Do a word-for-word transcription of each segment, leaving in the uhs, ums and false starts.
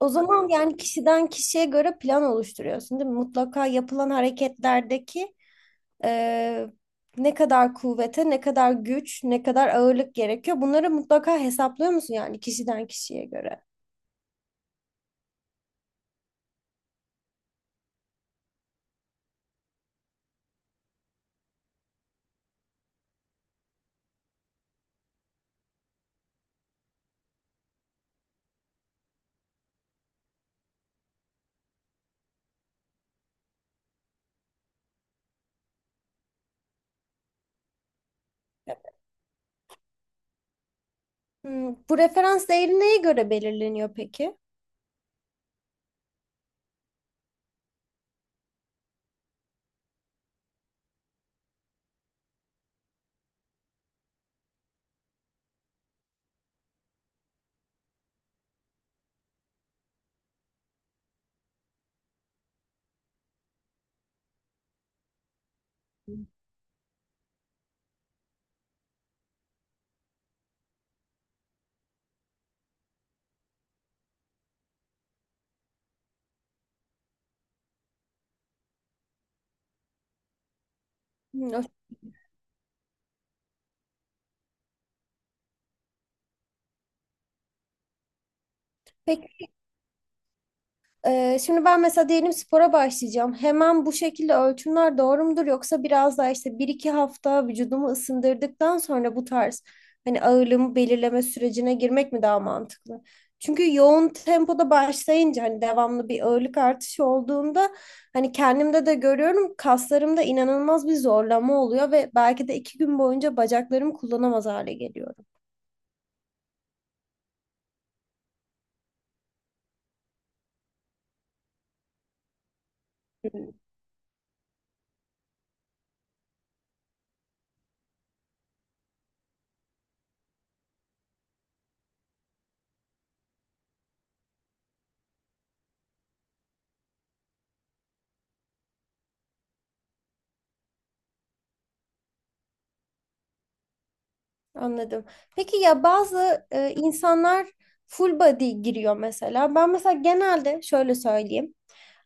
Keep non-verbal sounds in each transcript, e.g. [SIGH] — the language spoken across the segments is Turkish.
O zaman yani kişiden kişiye göre plan oluşturuyorsun, değil mi? Mutlaka yapılan hareketlerdeki e, ne kadar kuvvete, ne kadar güç, ne kadar ağırlık gerekiyor. Bunları mutlaka hesaplıyor musun yani kişiden kişiye göre? Hmm, bu referans değeri neye göre belirleniyor peki? Hmm, o- Peki. Ee, şimdi ben mesela diyelim spora başlayacağım. Hemen bu şekilde ölçümler doğru mudur yoksa biraz daha işte bir iki hafta vücudumu ısındırdıktan sonra bu tarz hani ağırlığımı belirleme sürecine girmek mi daha mantıklı? Çünkü yoğun tempoda başlayınca hani devamlı bir ağırlık artışı olduğunda hani kendimde de görüyorum kaslarımda inanılmaz bir zorlama oluyor ve belki de iki gün boyunca bacaklarımı kullanamaz hale geliyorum. Anladım. Peki ya bazı e, insanlar full body giriyor mesela. Ben mesela genelde şöyle söyleyeyim.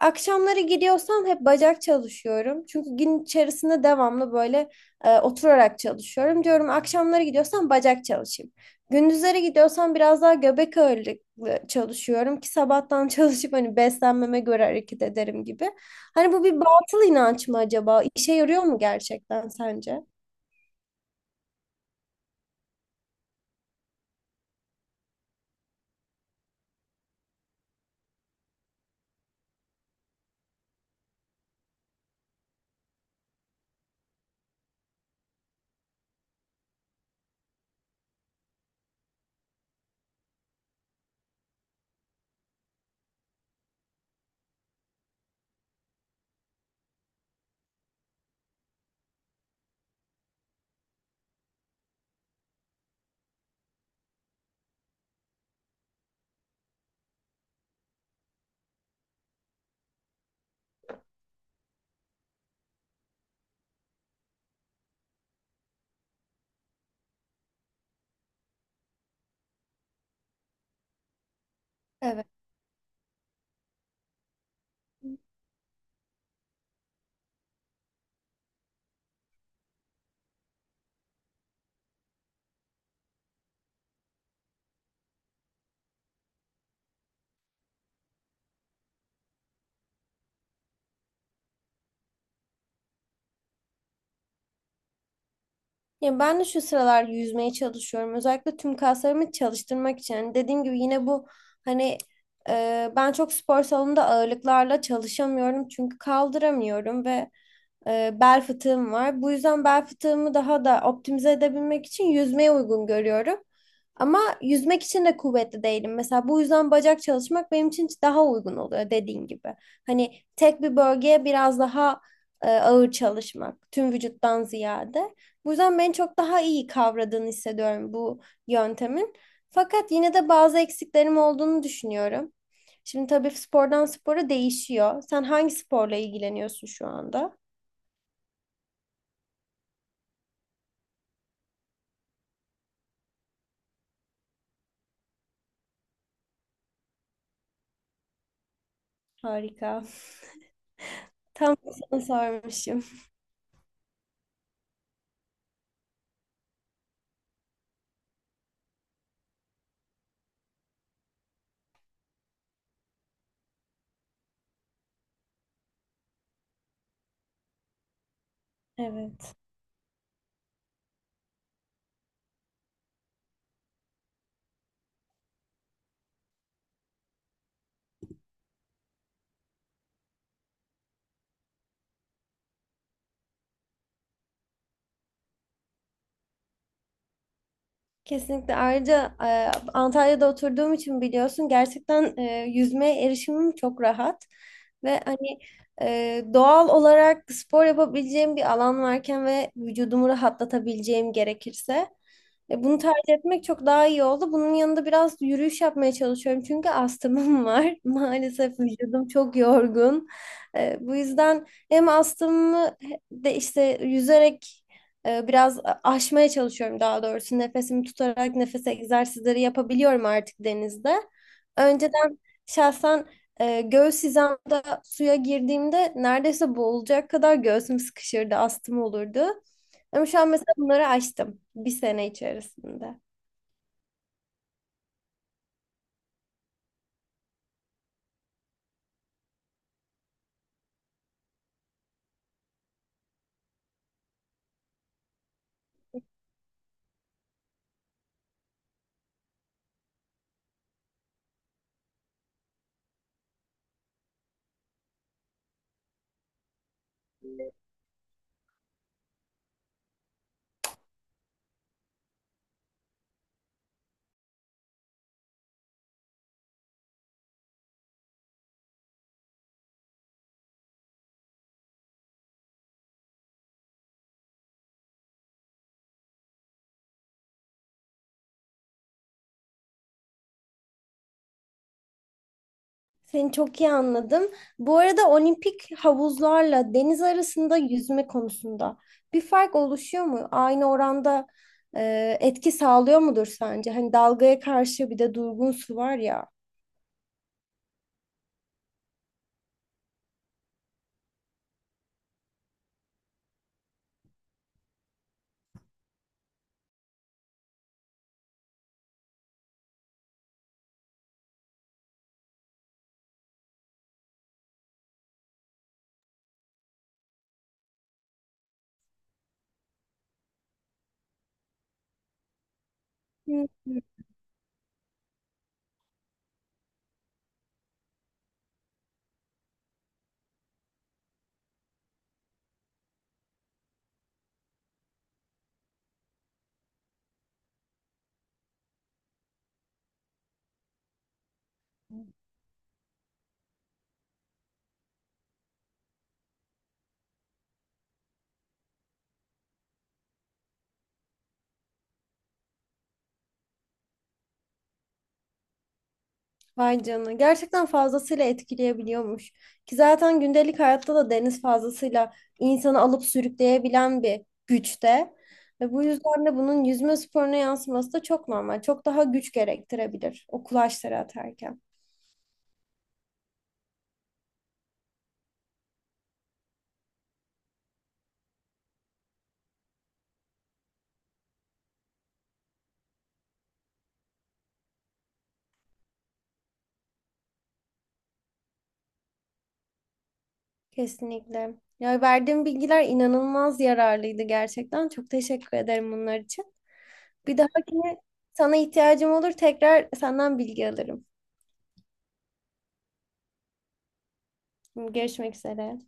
Akşamları giriyorsam hep bacak çalışıyorum. Çünkü gün içerisinde devamlı böyle e, oturarak çalışıyorum. Diyorum akşamları gidiyorsam bacak çalışayım. Gündüzleri gidiyorsam biraz daha göbek ağırlıklı çalışıyorum ki sabahtan [LAUGHS] çalışıp hani beslenmeme göre hareket ederim gibi. Hani bu bir batıl inanç mı acaba? İşe yarıyor mu gerçekten sence? Evet. Ya ben de şu sıralar yüzmeye çalışıyorum. Özellikle tüm kaslarımı çalıştırmak için. Hani dediğim gibi yine bu hani e, ben çok spor salonunda ağırlıklarla çalışamıyorum çünkü kaldıramıyorum ve e, bel fıtığım var. Bu yüzden bel fıtığımı daha da optimize edebilmek için yüzmeye uygun görüyorum. Ama yüzmek için de kuvvetli değilim. Mesela bu yüzden bacak çalışmak benim için daha uygun oluyor dediğin gibi. Hani tek bir bölgeye biraz daha e, ağır çalışmak, tüm vücuttan ziyade. Bu yüzden beni çok daha iyi kavradığını hissediyorum bu yöntemin. Fakat yine de bazı eksiklerim olduğunu düşünüyorum. Şimdi tabii spordan spora değişiyor. Sen hangi sporla ilgileniyorsun şu anda? Harika. Tam da sana sormuşum. Evet. Kesinlikle. Ayrıca e, Antalya'da oturduğum için biliyorsun gerçekten e, yüzmeye erişimim çok rahat. Ve hani e, doğal olarak spor yapabileceğim bir alan varken ve vücudumu rahatlatabileceğim gerekirse e, bunu tercih etmek çok daha iyi oldu. Bunun yanında biraz yürüyüş yapmaya çalışıyorum çünkü astımım var. [LAUGHS] Maalesef vücudum çok yorgun. E, bu yüzden hem astımımı de işte yüzerek ee, biraz aşmaya çalışıyorum daha doğrusu. Nefesimi tutarak nefes egzersizleri yapabiliyorum artık denizde. Önceden şahsen e, göğüs hizamda suya girdiğimde neredeyse boğulacak kadar göğsüm sıkışırdı, astım olurdu. Ama şu an mesela bunları aştım bir sene içerisinde. Seni çok iyi anladım. Bu arada olimpik havuzlarla deniz arasında yüzme konusunda bir fark oluşuyor mu? Aynı oranda e, etki sağlıyor mudur sence? Hani dalgaya karşı bir de durgun su var ya. Hı. Vay canına. Gerçekten fazlasıyla etkileyebiliyormuş. Ki zaten gündelik hayatta da deniz fazlasıyla insanı alıp sürükleyebilen bir güçte. Ve bu yüzden de bunun yüzme sporuna yansıması da çok normal. Çok daha güç gerektirebilir o kulaçları atarken. Kesinlikle. Ya verdiğim bilgiler inanılmaz yararlıydı gerçekten. Çok teşekkür ederim bunlar için. Bir dahakine sana ihtiyacım olur tekrar senden bilgi alırım. Görüşmek üzere.